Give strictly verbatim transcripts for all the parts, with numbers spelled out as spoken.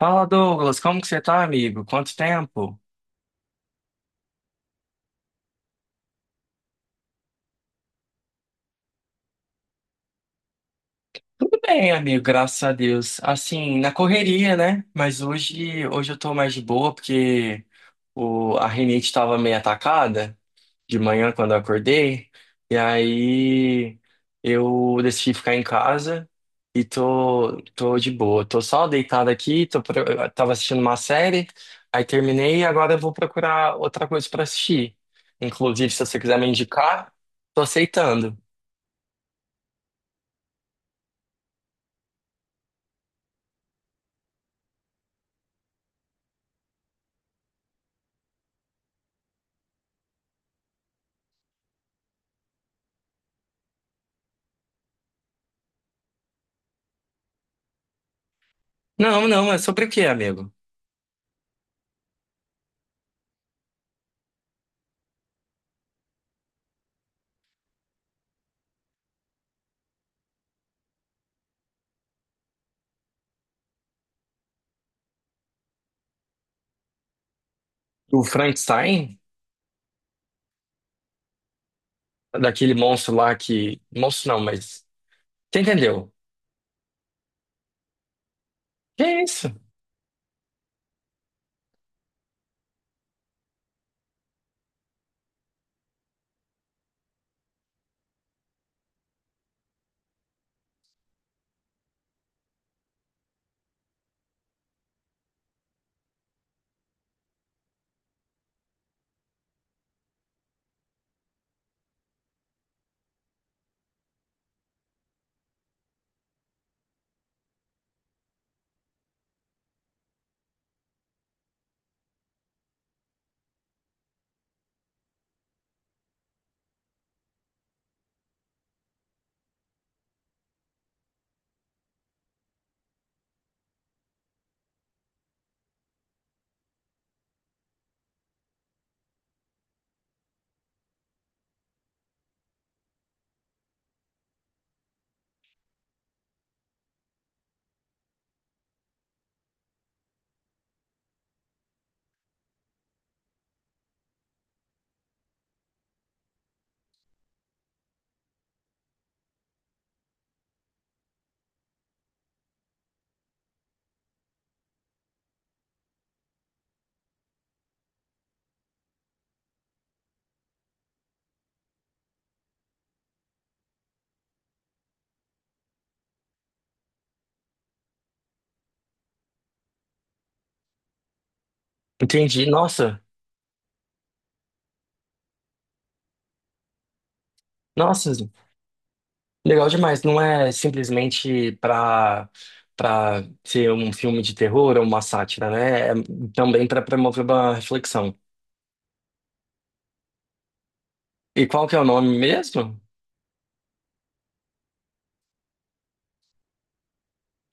Fala, Douglas, como que você tá, amigo? Quanto tempo? Tudo bem, amigo, graças a Deus. Assim, na correria, né? Mas hoje, hoje eu tô mais de boa porque o, a rinite estava meio atacada de manhã quando eu acordei. E aí eu decidi ficar em casa e tô, tô de boa. Tô só deitado aqui, tô, pro- eu tava assistindo uma série, aí terminei e agora eu vou procurar outra coisa pra assistir. Inclusive, se você quiser me indicar, tô aceitando. Não, não, é sobre o que, amigo? O Frankenstein, daquele monstro lá que. Monstro não, mas. Você entendeu? Que é isso? Entendi. Nossa, nossa, legal demais. Não é simplesmente pra, pra ser um filme de terror ou uma sátira, né? É também pra promover uma reflexão. E qual que é o nome mesmo?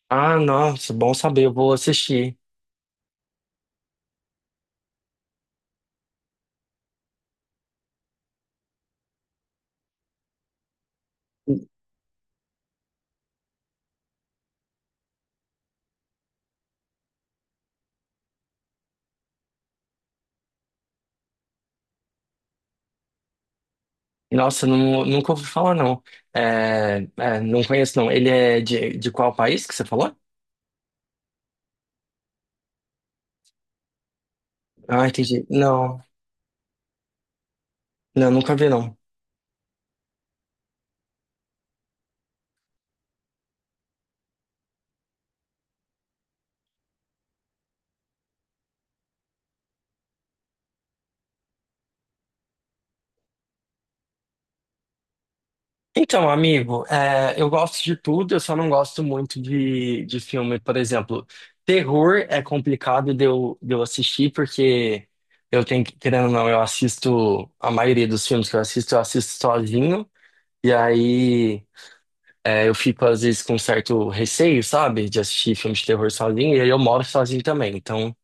Ah, nossa, bom saber, eu vou assistir. Nossa, não, nunca ouvi falar, não. É, é, não conheço, não. Ele é de, de qual país que você falou? Ah, entendi. Não. Não, nunca vi, não. Então, amigo, é, eu gosto de tudo, eu só não gosto muito de, de filme, por exemplo. Terror é complicado de eu, de eu assistir, porque eu tenho que, querendo ou não, eu assisto, a maioria dos filmes que eu assisto, eu assisto sozinho, e aí é, eu fico, às vezes, com certo receio, sabe, de assistir filme de terror sozinho, e aí eu moro sozinho também, então,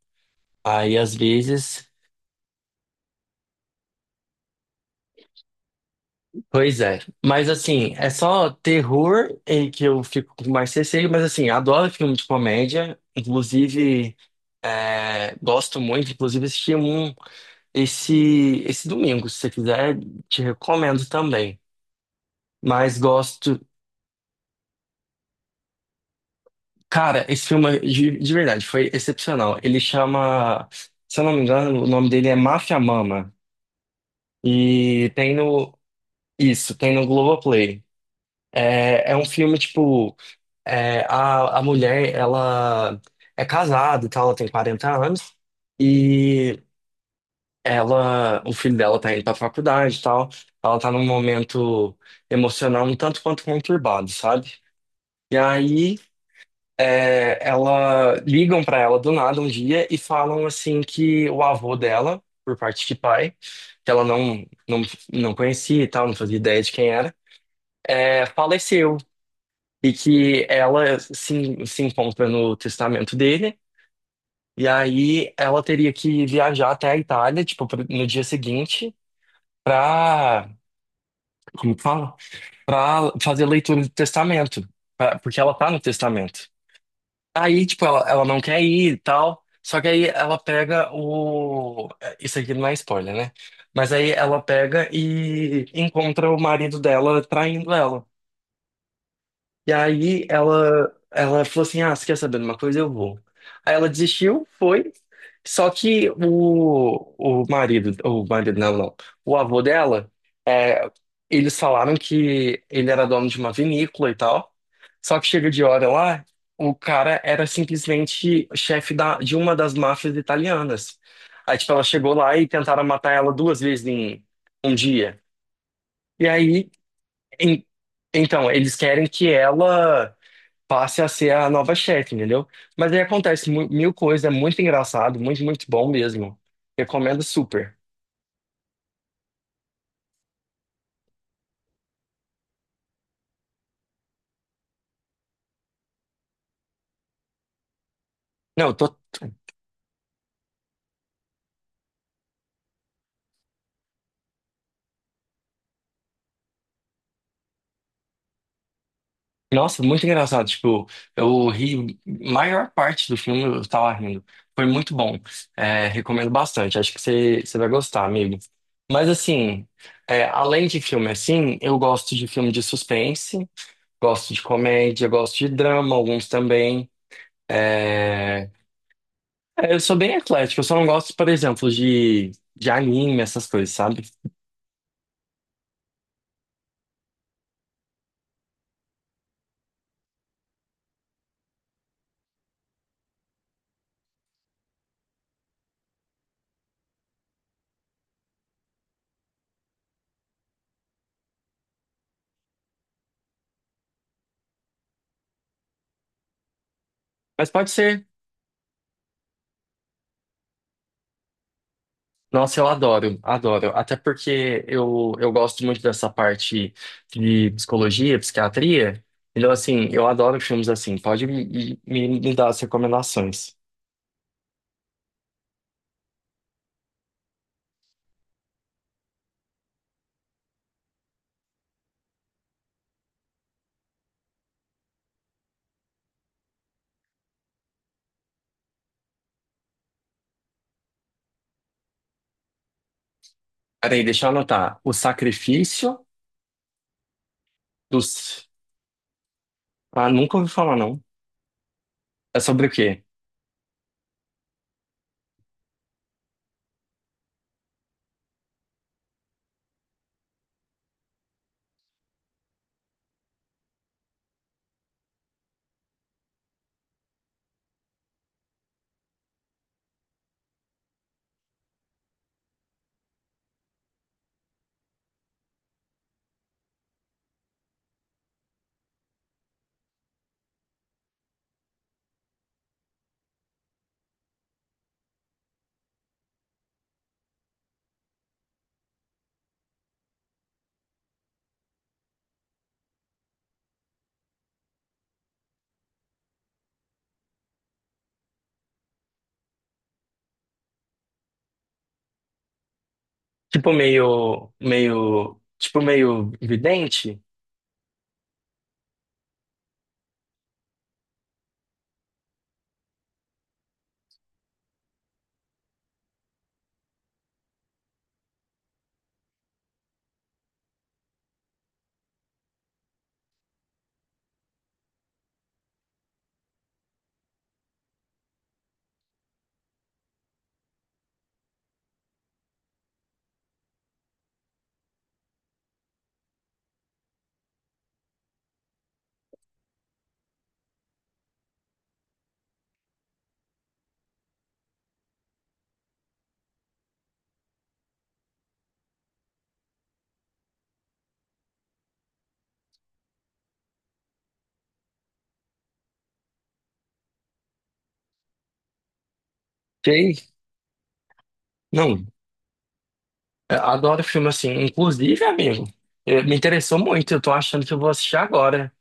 aí, às vezes. Pois é, mas assim, é só terror em que eu fico com mais receio, mas assim, adoro filme de comédia, inclusive é, gosto muito, inclusive assisti um esse, esse domingo, se você quiser, te recomendo também. Mas gosto, cara, esse filme de, de verdade foi excepcional. Ele chama, se eu não me engano, o nome dele é Mafia Mama e tem no, isso, tem no Globoplay. É, é um filme, tipo. É, a, a mulher, ela é casada e tal, ela tem quarenta anos, e ela, o filho dela tá indo pra faculdade e tal, ela tá num momento emocional um tanto quanto conturbado, sabe? E aí, é, ela, ligam pra ela do nada um dia e falam, assim, que o avô dela, por parte de pai, que ela não, não, não conhecia e tal, não fazia ideia de quem era, é, faleceu. E que ela se, se encontra no testamento dele, e aí ela teria que viajar até a Itália, tipo, pro- no dia seguinte, pra, como que fala? Pra fazer a leitura do testamento, pra- porque ela tá no testamento. Aí, tipo, ela, ela não quer ir e tal, só que aí ela pega o... Isso aqui não é spoiler, né? Mas aí ela pega e encontra o marido dela traindo ela. E aí ela, ela falou assim: Ah, você quer saber de uma coisa? Eu vou. Aí ela desistiu, foi. Só que o, o marido, o marido, não, não. O avô dela, é, eles falaram que ele era dono de uma vinícola e tal. Só que chega de hora lá, o cara era simplesmente chefe da, de uma das máfias italianas. Aí, tipo, ela chegou lá e tentaram matar ela duas vezes em um dia. E aí, em- então, eles querem que ela passe a ser a nova chefe, entendeu? Mas aí acontece mu- mil coisas, é muito engraçado, muito, muito bom mesmo. Recomendo super. Não, eu tô. Nossa, muito engraçado. Tipo, eu ri, maior parte do filme eu tava rindo. Foi muito bom. É, recomendo bastante. Acho que você você vai gostar, amigo. Mas assim, é, além de filme assim, eu gosto de filme de suspense, gosto de comédia, gosto de drama, alguns também. É, É, eu sou bem eclético, eu só não gosto, por exemplo, de, de anime, essas coisas, sabe? Mas pode ser. Nossa, eu adoro, adoro. Até porque eu, eu gosto muito dessa parte de psicologia, psiquiatria. Então, assim, eu adoro filmes assim. Pode me, me, me dar as recomendações. Peraí, deixa eu anotar. O Sacrifício dos... Ah, nunca ouvi falar, não. É sobre o quê? Tipo meio... meio... Tipo meio vidente? Sei. Não. Eu adoro filme assim. Inclusive, amigo, eh, me interessou muito. Eu tô achando que eu vou assistir agora.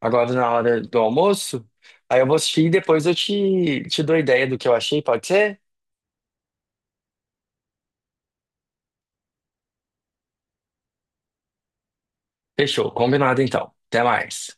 Agora na hora do almoço. Aí eu vou assistir e depois eu te, te dou ideia do que eu achei, pode ser? Fechou, combinado então. Até mais.